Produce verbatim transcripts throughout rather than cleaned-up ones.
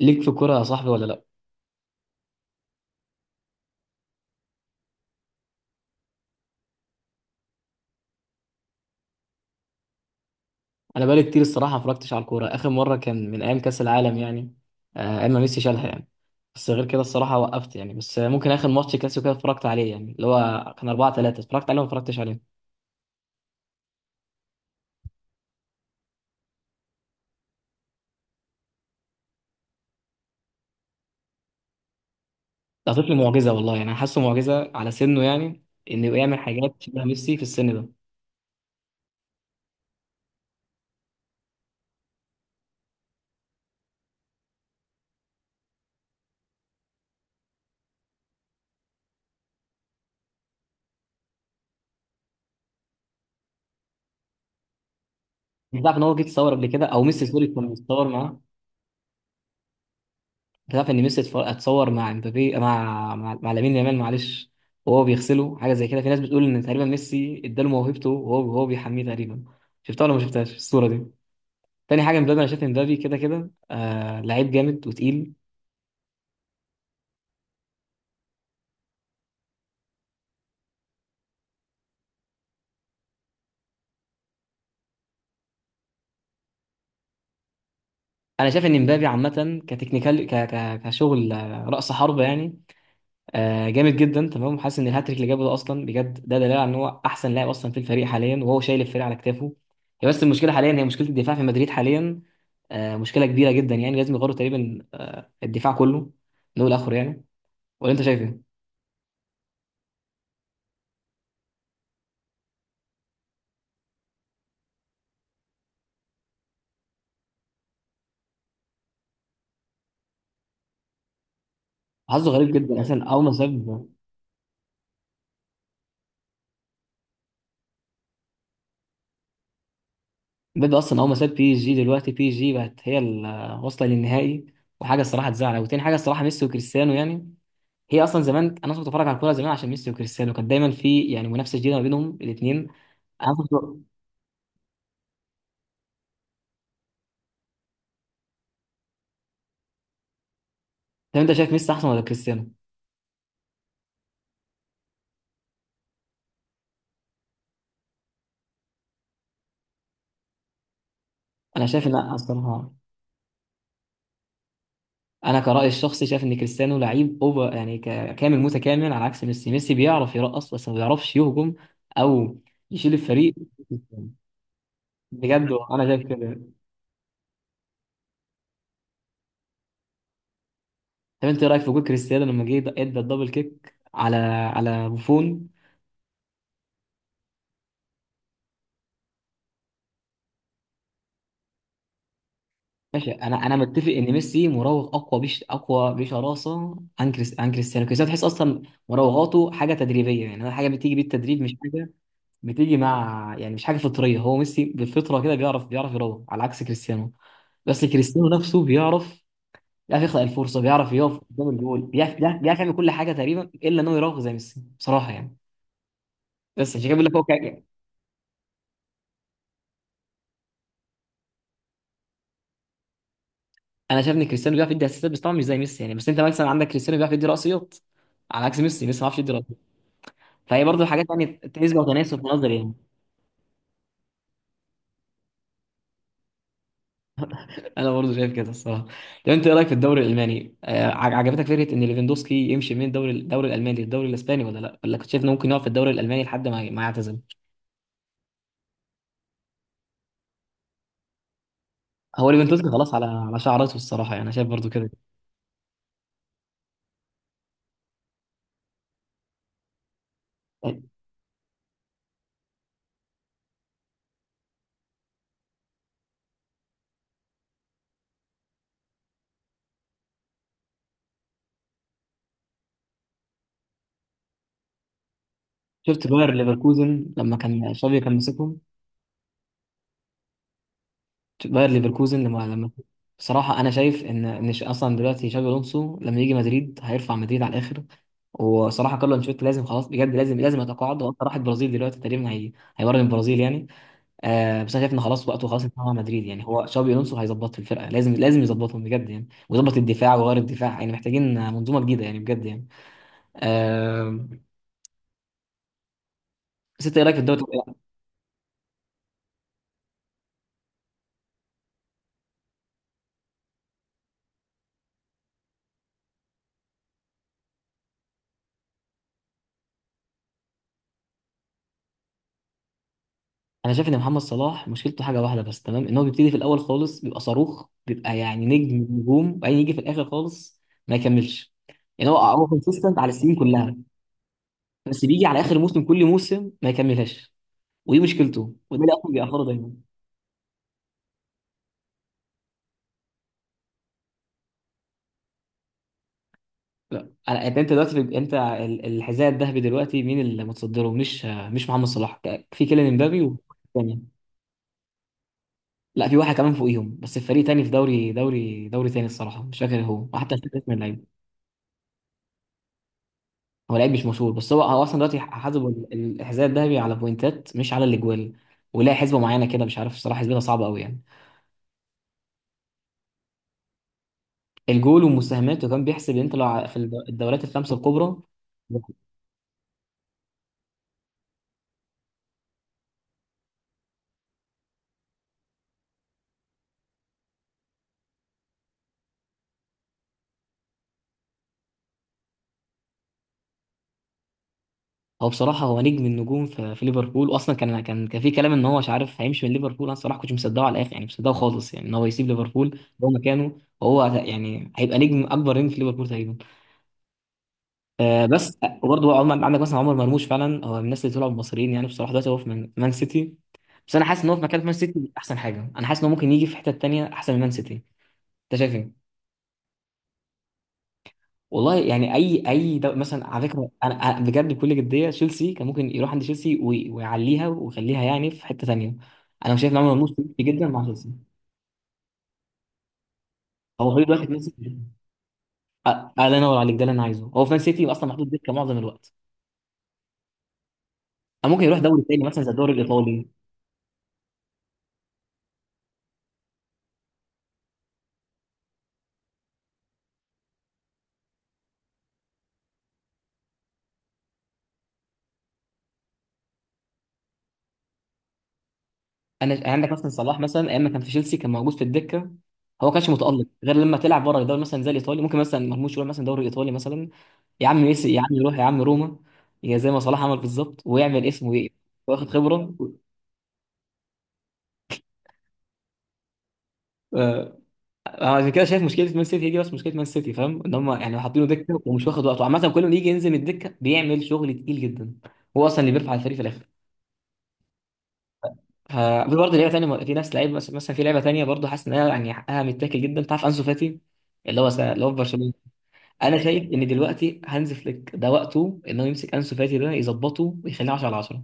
ليك في الكوره يا صاحبي ولا لا. انا بقالي كتير الصراحه ما اتفرجتش على الكوره، اخر مره كان من ايام كاس العالم يعني. آه، ايام ما ميسي شالها يعني. بس غير كده الصراحه وقفت يعني، بس ممكن اخر ماتش كلاسيكو كده اتفرجت عليه يعني، اللي هو كان اربعه تلاته، اتفرجت عليه وما اتفرجتش عليه. ده طفل معجزه والله يعني، انا حاسه معجزه على سنه يعني، انه يعمل حاجات شبه ميسي في السن ده. انت عارف ان هو جه يتصور قبل كده، او ميسي سوري كان متصور معاه. تعرف ان ميسي اتف- اتصور مع امبابي مع مع, مع لامين يامال، معلش، وهو بيغسله حاجه زي كده. في ناس بتقول ان تقريبا ميسي اداله موهبته، وهو وهو بيحميه تقريبا. شفتها ولا ما شفتهاش الصوره دي؟ تاني حاجه مبابي، انا شايف إن مبابي كده كده آه لعيب جامد وتقيل. انا شايف ان مبابي عامه كتكنيكال ك ك كشغل، آه، راس حربه يعني. آه جامد جدا تمام، حاسس ان الهاتريك اللي جابه ده اصلا بجد، ده دليل على ان هو احسن لاعب اصلا في الفريق حاليا، وهو شايل الفريق على كتافه. هي بس المشكله حاليا هي مشكله الدفاع في مدريد حاليا. آه مشكله كبيره جدا يعني، لازم يغيروا تقريبا آه الدفاع كله من اول لاخره يعني. ولا انت شايف ايه؟ حظه غريب جدا، آه، اصلا اول ما ساب. بيب اصلا اول ما ساب بي اس جي، دلوقتي بي اس جي بقت هي ال- آه، واصله للنهائي. وحاجه الصراحه تزعل، وتاني حاجه الصراحه ميسي وكريستيانو يعني. هي اصلا زمان انا كنت بتفرج على الكوره زمان عشان ميسي وكريستيانو، كانت دايما في يعني منافسه جديده ما بينهم الاثنين. طب انت شايف ميسي احسن ولا كريستيانو؟ انا شايف ان لا الصراحه. انا كرأيي الشخصي شايف ان كريستيانو لعيب اوفر يعني، ك- كامل متكامل على عكس ميسي، ميسي بيعرف يرقص بس ما بيعرفش يهجم او يشيل الفريق. بجد انا شايف كده. طب انت ايه رايك في جول كريستيانو لما جه ادى الدبل كيك على على بوفون؟ ماشي، انا انا متفق ان ميسي مراوغ اقوى بش اقوى بشراسه عن كريس عن كريستيانو. كريستيانو تحس اصلا مراوغاته حاجه تدريبيه يعني، حاجه بتيجي بالتدريب مش حاجه بتيجي مع يعني، مش حاجه فطريه. هو ميسي بالفطره كده بيعرف بيعرف يروح على عكس كريستيانو. بس كريستيانو نفسه بيعرف بيعرف يخلق الفرصه، بيعرف يقف قدام الجول، بيعرف بيعرف بيعرف يعمل كل حاجه تقريبا، الا انه يراوغ زي ميسي بصراحه يعني. بس عشان كده بقول لك هو كده. انا شايف ان كريستيانو بيعرف يدي اسيستات بس طبعا مش زي ميسي يعني، بس انت مثلا عندك كريستيانو بيعرف يدي رأسيات على عكس ميسي، ميسي ما بيعرفش يدي رأسيات. فهي برضه حاجات يعني نسبه وتناسب في نظري يعني. انا برضه شايف كده الصراحه. طب انت ايه رايك في الدوري الالماني؟ آه، عج- عجبتك فكره ان ليفاندوسكي يمشي من الدوري الدوري الالماني للدوري الاسباني ولا لا، ولا كنت شايف انه ممكن يقعد في الدوري الالماني لحد ما ما يعتزل؟ هو ليفاندوسكي خلاص على على شعر راسه الصراحه يعني، انا شايف برضه كده. طيب، شفت باير ليفركوزن لما كان شافي كان ماسكهم؟ شفت باير ليفركوزن لما لما. بصراحه انا شايف ان ان ش- اصلا دلوقتي شابي الونسو لما يجي مدريد هيرفع مدريد على الاخر. وصراحه كارلو انشيلوتي لازم خلاص بجد لازم لازم يتقاعد. هو أصلاً راح البرازيل دلوقتي تقريبا، هي هيمرن البرازيل يعني. آه بس انا شايف ان خلاص وقته خلاص انتهى مع مدريد يعني، هو شابي الونسو هيظبط في الفرقه، لازم لازم يظبطهم بجد يعني، ويظبط الدفاع وغير الدفاع يعني، محتاجين منظومه جديده يعني بجد يعني. آه بس انت ايه رايك في الدوري الإيطالي؟ انا شايف ان محمد صلاح مشكلته حاجه واحده بس، تمام. ان هو بيبتدي في الاول خالص بيبقى صاروخ، بيبقى يعني نجم نجوم، وبعدين يجي في الاخر خالص ما يكملش. يعني هو هو كونسيستنت على السنين كلها، بس بيجي على اخر موسم كل موسم ما يكملهاش. ودي مشكلته، وده اللي اصلا بيأخره دايما. لا أنا- انت أنت دلوقتي في... انت ال- الحذاء الذهبي دلوقتي مين اللي متصدره؟ مش مش محمد صلاح، في كيليان امبابي و... تاني. لا، في واحد كمان فوقيهم، بس في فريق تاني في دوري دوري دوري تاني الصراحه، مش فاكر هو، وحتى مش فاكر اسم اللعيب. هو لعيب مش مشهور، بس هو هو اصلا دلوقتي حاسب ال- الحذاء الذهبي على بوينتات مش على الاجوال، ولا حسبه معينه كده مش عارف، الصراحه حسبتها صعبه قوي يعني. الجول والمساهمات، وكان بيحسب يعني انت لو ع- في الد- الدوريات الخمسه الكبرى. هو بصراحة هو نجم النجوم في, في ليفربول، وأصلا كان كان كان في كلام إن هو مش عارف هيمشي من ليفربول. أنا الصراحة كنت مصدقه على الآخر يعني، مش مصدقه خالص يعني إن هو يسيب ليفربول، هو مكانه وهو يعني هيبقى نجم، أكبر نجم في ليفربول تقريبا. آه بس وبرضه عمر، عندك مثلا عمر مرموش، فعلا هو من الناس اللي طلعوا المصريين يعني، بصراحة دلوقتي هو في مان مان سيتي. بس أنا حاسس إن هو في مكان في مان سيتي أحسن حاجة، أنا حاسس إن هو ممكن يجي في حتة تانية أحسن من مان سيتي. أنت شايف إيه؟ والله يعني اي اي دو... مثلا، على فكره، انا أنا بجد بكل جديه تشيلسي، كان ممكن يروح عند تشيلسي وي- ويعليها ويخليها يعني في حته ثانيه. انا شايف ان عمرو مرموش كويس جدا مع تشيلسي. هو فريق دلوقتي في مان سيتي. أ- الله ينور عليك، ده اللي انا عايزه، هو في مان سيتي اصلا محطوط دكه معظم الوقت. أو ممكن يروح دوري تاني مثلا زي الدوري الايطالي. انا عندك مثلا صلاح، مثلا ايام ما كان في تشيلسي كان موجود في الدكه، هو ما كانش متالق غير لما تلعب بره الدوري مثلا زي الايطالي. ممكن مثلا مرموش يروح مثلا الدوري الايطالي مثلا، يا عم ميسي، يا عم يروح يا عم روما، يا زي ما صلاح عمل بالظبط، ويعمل اسمه ايه، واخد خبره. آه، أنا عشان كده شايف مشكله مان سيتي دي، بس مشكله مان سيتي فاهم ان هم يعني حاطينه دكه ومش واخد وقته عامه، كل ما يجي ينزل من الدكه بيعمل شغل تقيل جدا، هو اصلا اللي بيرفع الفريق في الاخر. ف- في برضه لعيبه ثانيه، في ناس لعيبه مثلا مثلا، في لعيبه ثانيه برضه حاسس انها يعني حقها متاكل جدا، تعرف انسو فاتي اللي هو س- اللي هو في برشلونه. انا شايف ان دلوقتي هانز فليك ده وقته ان هو يمسك انسو فاتي ده، يظبطه ويخليه عشرة على عشرة.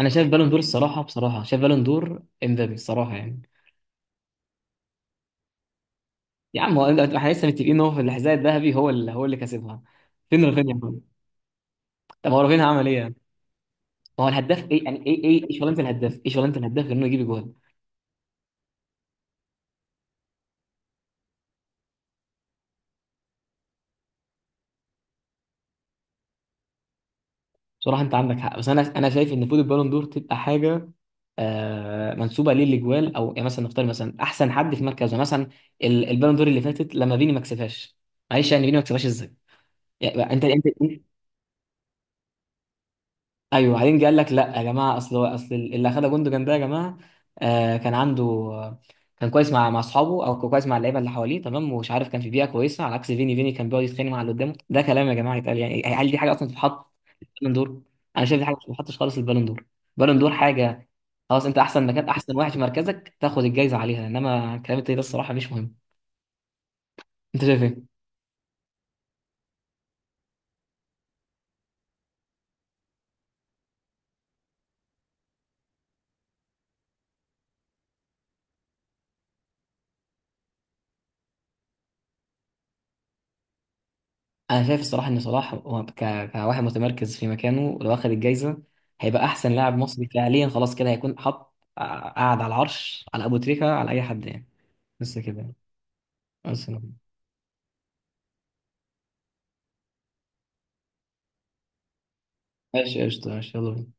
انا شايف بالون دور الصراحه، بصراحه شايف بالون دور امبابي الصراحه يعني. يا عم هو إمبابي- احنا لسه متفقين ان هو في الحذاء الذهبي، هو اللي هو اللي كسبها. فين رافينيا طيب؟ طب هو رافينيا عمل ايه يعني؟ هو الهداف ايه يعني، ايه ايه إيه شغلانه الهداف، ايه شغلانه الهداف غير انه يجيب جول؟ بصراحه انت عندك حق، بس انا انا شايف ان المفروض البالون دور تبقى حاجه آه منسوبه ليه الاجوال، او يعني مثلا نختار مثلا احسن حد في مركزه مثلا. ال- البالون دور اللي فاتت لما فيني ما كسبهاش، معلش يعني، فيني ما كسبهاش ازاي يعني؟ انت انت، ايوه، بعدين جه قال لك لا يا جماعه، اصل هو اصل اللي اخدها جوندوجان ده يا جماعه، آه كان عنده، كان كويس مع مع اصحابه، او كويس مع اللعيبه اللي حواليه تمام، ومش عارف كان في بيئه كويسه، على عكس فيني، فيني كان بيقعد يتخانق مع اللي قدامه. ده كلام يا جماعه يتقال يعني؟ هل دي حاجه اصلا تتحط في البالون دور؟ انا شايف دي حاجه ما تتحطش خالص في البالون دور. البالون دور حاجه، خلاص، انت احسن مكان، احسن واحد في مركزك تاخد الجايزه عليها، انما الكلام التاني ده الصراحه مش مهم. انت شايف ايه؟ انا شايف الصراحه ان صلاح هو ك- كواحد متمركز في مكانه لو اخذ الجايزه، هيبقى احسن لاعب مصري فعليا، خلاص كده هيكون حط قاعد على العرش، على ابو تريكه على اي حد يعني. بس كده يعني. بس. ماشي قشطه، ماشي يلا بينا.